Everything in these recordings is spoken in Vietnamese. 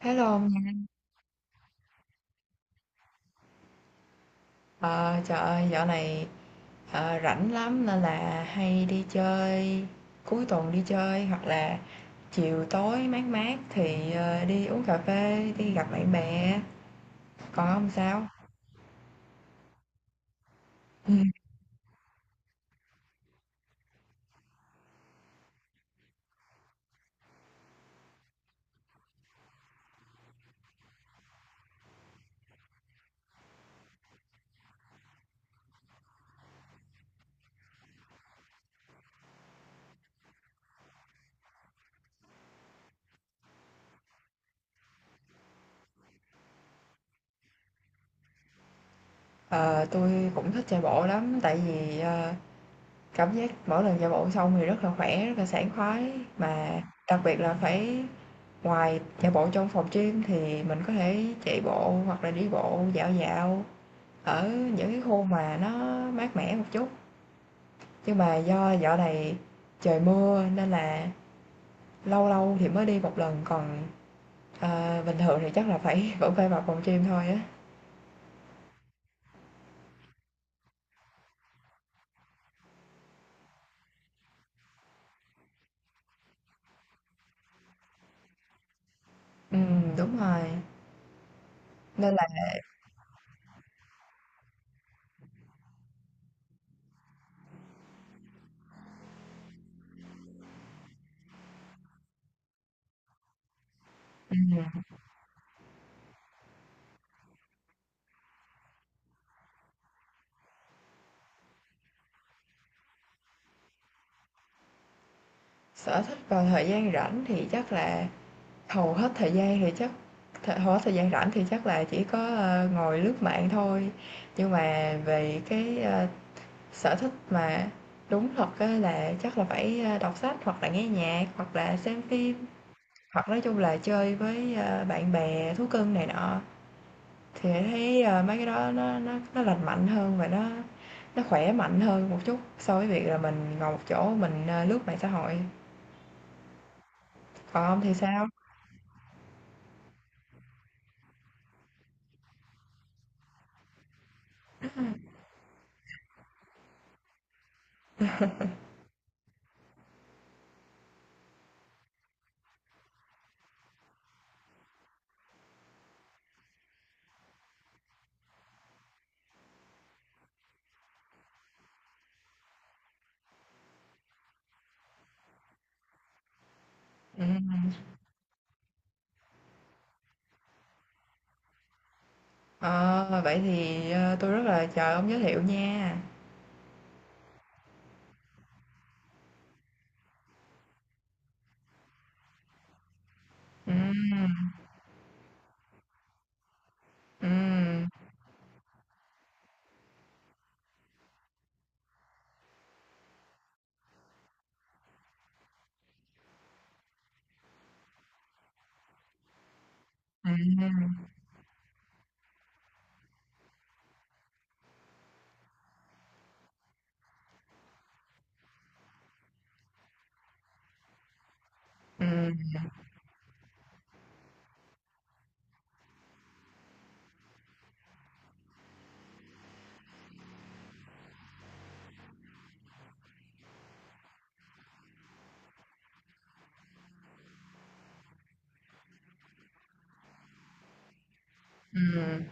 Hello ông nha. Ờ, Trời ơi, dạo này rảnh lắm nên là hay đi chơi, cuối tuần đi chơi hoặc là chiều tối mát mát thì đi uống cà phê, đi gặp bạn bè. Còn ông sao? Ừ. Ờ, tôi cũng thích chạy bộ lắm tại vì cảm giác mỗi lần chạy bộ xong thì rất là khỏe, rất là sảng khoái, mà đặc biệt là phải ngoài chạy bộ trong phòng gym thì mình có thể chạy bộ hoặc là đi bộ dạo dạo ở những cái khu mà nó mát mẻ một chút, nhưng mà do dạo này trời mưa nên là lâu lâu thì mới đi một lần, còn, bình thường thì chắc là phải vẫn phải vào phòng gym thôi á. Đúng rồi, nên là ừm, sở thích vào thời gian rảnh thì chắc là hầu hết thời gian thì chắc hầu hết thời gian rảnh thì chắc là chỉ có, ngồi lướt mạng thôi, nhưng mà về cái, sở thích mà đúng thật á là chắc là phải, đọc sách hoặc là nghe nhạc, hoặc là xem phim, hoặc nói chung là chơi với, bạn bè, thú cưng này nọ, thì Hải thấy, mấy cái đó nó lành mạnh hơn và nó khỏe mạnh hơn một chút so với việc là mình ngồi một chỗ mình, lướt mạng xã hội. Còn ông thì sao? Ừm, ờ, vậy thì, tôi rất là chờ ông giới thiệu nha. Ừm, ừm, ừm, ừm, ừm.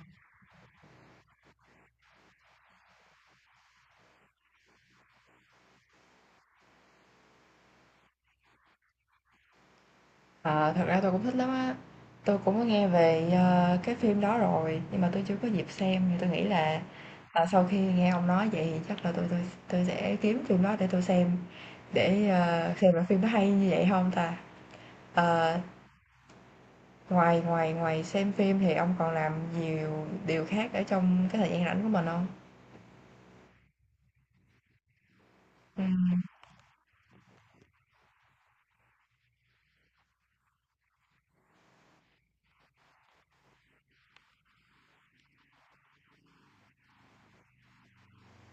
Ờ, Thật ra tôi cũng thích lắm á. Tôi cũng có nghe về, cái phim đó rồi, nhưng mà tôi chưa có dịp xem thì tôi nghĩ là, sau khi nghe ông nói vậy thì chắc là tôi sẽ kiếm phim đó để tôi xem, để, xem là phim nó hay như vậy không ta? Ờ, ngoài ngoài ngoài xem phim thì ông còn làm nhiều điều khác ở trong cái thời gian rảnh của mình không? Ừm,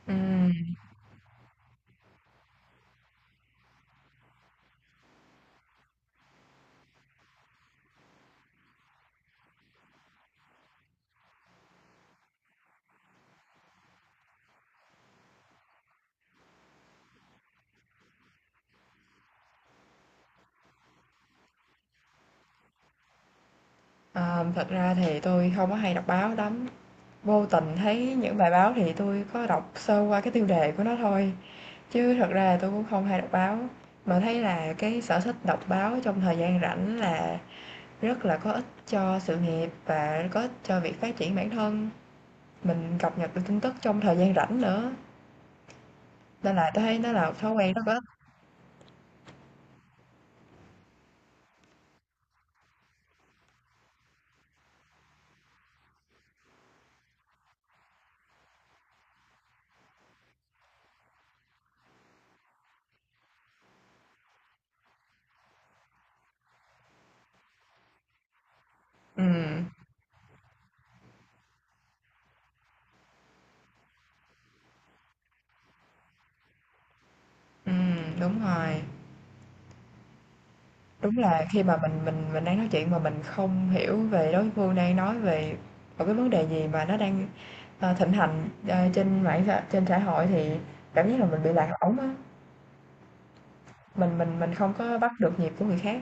ừm, ờ, thật ra thì tôi không có hay đọc báo lắm. Vô tình thấy những bài báo thì tôi có đọc sơ qua cái tiêu đề của nó thôi, chứ thật ra là tôi cũng không hay đọc báo, mà thấy là cái sở thích đọc báo trong thời gian rảnh là rất là có ích cho sự nghiệp và có ích cho việc phát triển bản thân, mình cập nhật được tin tức trong thời gian rảnh nữa, nên là tôi thấy nó là một thói quen rất có ích. Ừm, đúng rồi. Đúng là khi mà mình đang nói chuyện mà mình không hiểu về đối phương đang nói về một cái vấn đề gì mà nó đang, thịnh hành, trên mạng xã trên xã hội thì cảm giác là mình bị lạc lõng á, mình không có bắt được nhịp của người khác.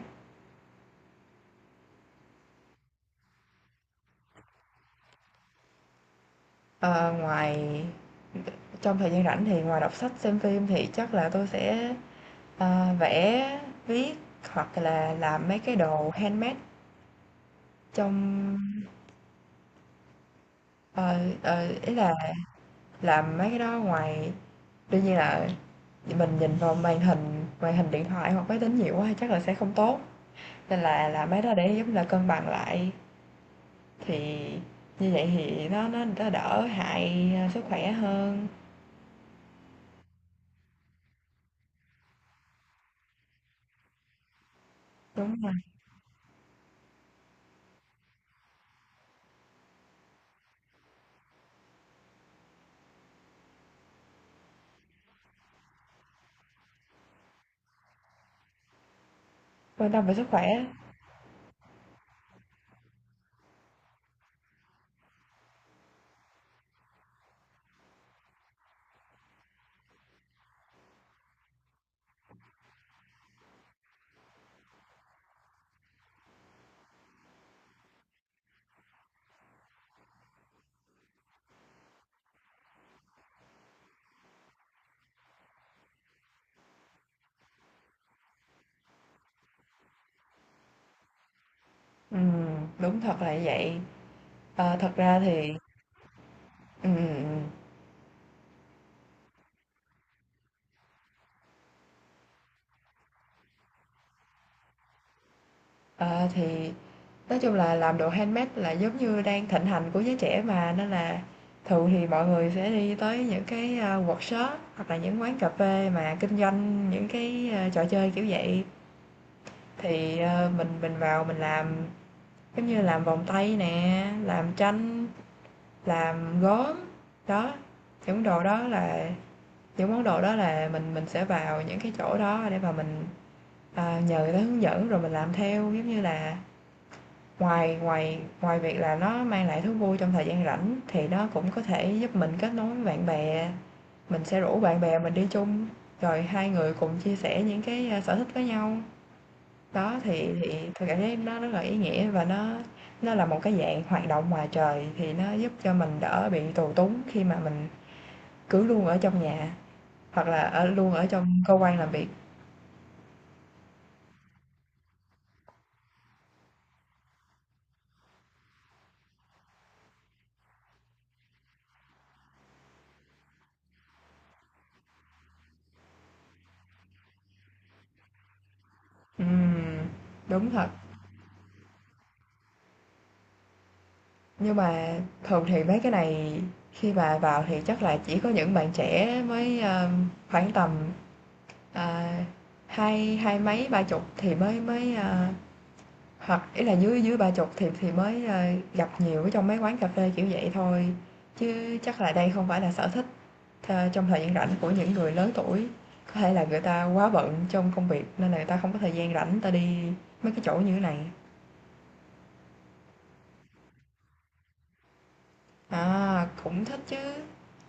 Ờ, Ngoài trong thời gian rảnh thì ngoài đọc sách, xem phim thì chắc là tôi sẽ, vẽ, viết hoặc là làm mấy cái đồ handmade trong ờ, ý là làm mấy cái đó, ngoài đương nhiên là mình nhìn vào màn hình điện thoại hoặc máy tính nhiều quá thì chắc là sẽ không tốt, nên là làm mấy đó để giống là cân bằng lại, thì như vậy thì nó đỡ hại, sức khỏe hơn. Đúng rồi, quan tâm về sức khỏe. Ừm, đúng thật là như vậy. Thật ra thì ừm. Ờ, thì nói chung là làm đồ handmade là giống như đang thịnh hành của giới trẻ mà, nên là thường thì mọi người sẽ đi tới những cái, workshop hoặc là những quán cà phê mà kinh doanh những cái, trò chơi kiểu vậy. Thì, mình vào mình làm, giống như làm vòng tay nè, làm tranh, làm gốm, đó, những đồ đó là những món đồ đó là mình sẽ vào những cái chỗ đó để mà mình, nhờ người ta hướng dẫn rồi mình làm theo, giống như là Ngoài ngoài ngoài việc là nó mang lại thú vui trong thời gian rảnh thì nó cũng có thể giúp mình kết nối với bạn bè, mình sẽ rủ bạn bè mình đi chung, rồi hai người cùng chia sẻ những cái, sở thích với nhau. Đó, thì tôi cảm thấy nó rất là ý nghĩa và nó là một cái dạng hoạt động ngoài trời thì nó giúp cho mình đỡ bị tù túng khi mà mình cứ luôn ở trong nhà, hoặc là ở luôn ở trong cơ quan làm việc. Ừm, đúng thật. Nhưng mà thường thì mấy cái này khi mà vào thì chắc là chỉ có những bạn trẻ mới, khoảng tầm, à, hai hai mấy, ba chục thì mới mới, hoặc ý là dưới dưới ba chục thì mới, gặp nhiều ở trong mấy quán cà phê kiểu vậy thôi, chứ chắc là đây không phải là sở thích trong thời gian rảnh của những người lớn tuổi. Có thể là người ta quá bận trong công việc nên là người ta không có thời gian rảnh người ta đi mấy cái chỗ như thế này. À, cũng thích chứ.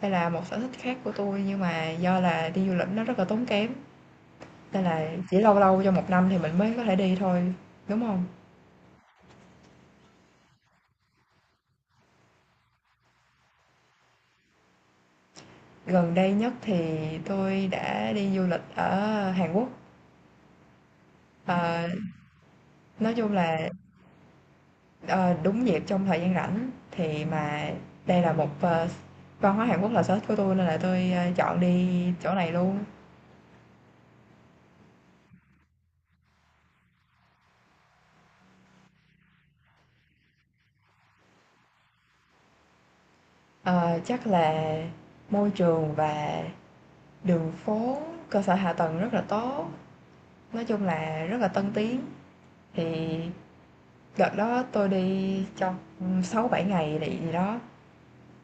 Đây là một sở thích khác của tôi nhưng mà do là đi du lịch nó rất là tốn kém, nên là chỉ lâu lâu trong một năm thì mình mới có thể đi thôi, đúng không? Gần đây nhất thì tôi đã đi du lịch ở Hàn Quốc. Ờ, nói chung là, ờ, đúng dịp trong thời gian rảnh thì mà đây là một, văn hóa Hàn Quốc là sở thích của tôi nên là tôi, chọn đi chỗ này luôn. Ờ, Chắc là môi trường và đường phố, cơ sở hạ tầng rất là tốt. Nói chung là rất là tân tiến, thì đợt đó tôi đi trong 6-7 ngày gì đó,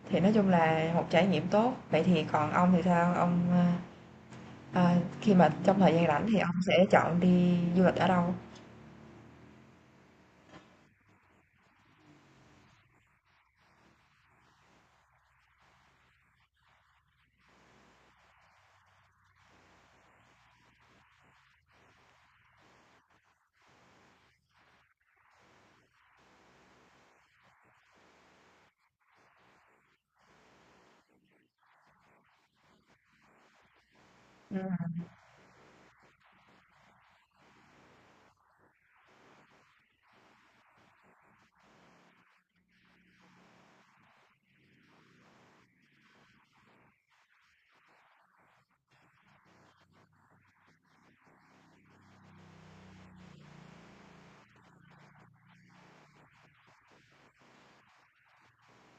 thì nói chung là một trải nghiệm tốt. Vậy thì còn ông thì sao? Ông, khi mà trong thời gian rảnh thì ông sẽ chọn đi du lịch ở đâu? Ừm,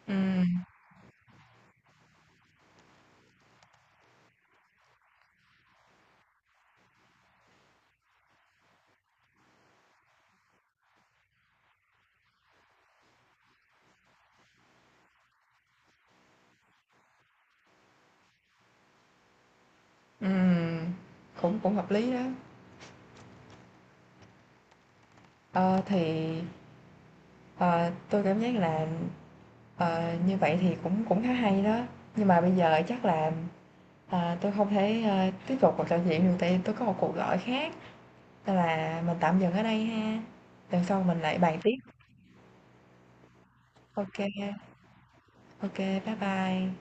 ừm, ừm, cũng cũng hợp lý đó. Ờ, thì, ờ, tôi cảm giác là, như vậy thì cũng cũng khá hay đó, nhưng mà bây giờ chắc là, tôi không thể, tiếp tục cuộc trò chuyện được tại tôi có một cuộc gọi khác. Tức là mình tạm dừng ở đây ha, lần sau mình lại bàn tiếp. Ok, kê, ô, bye bye.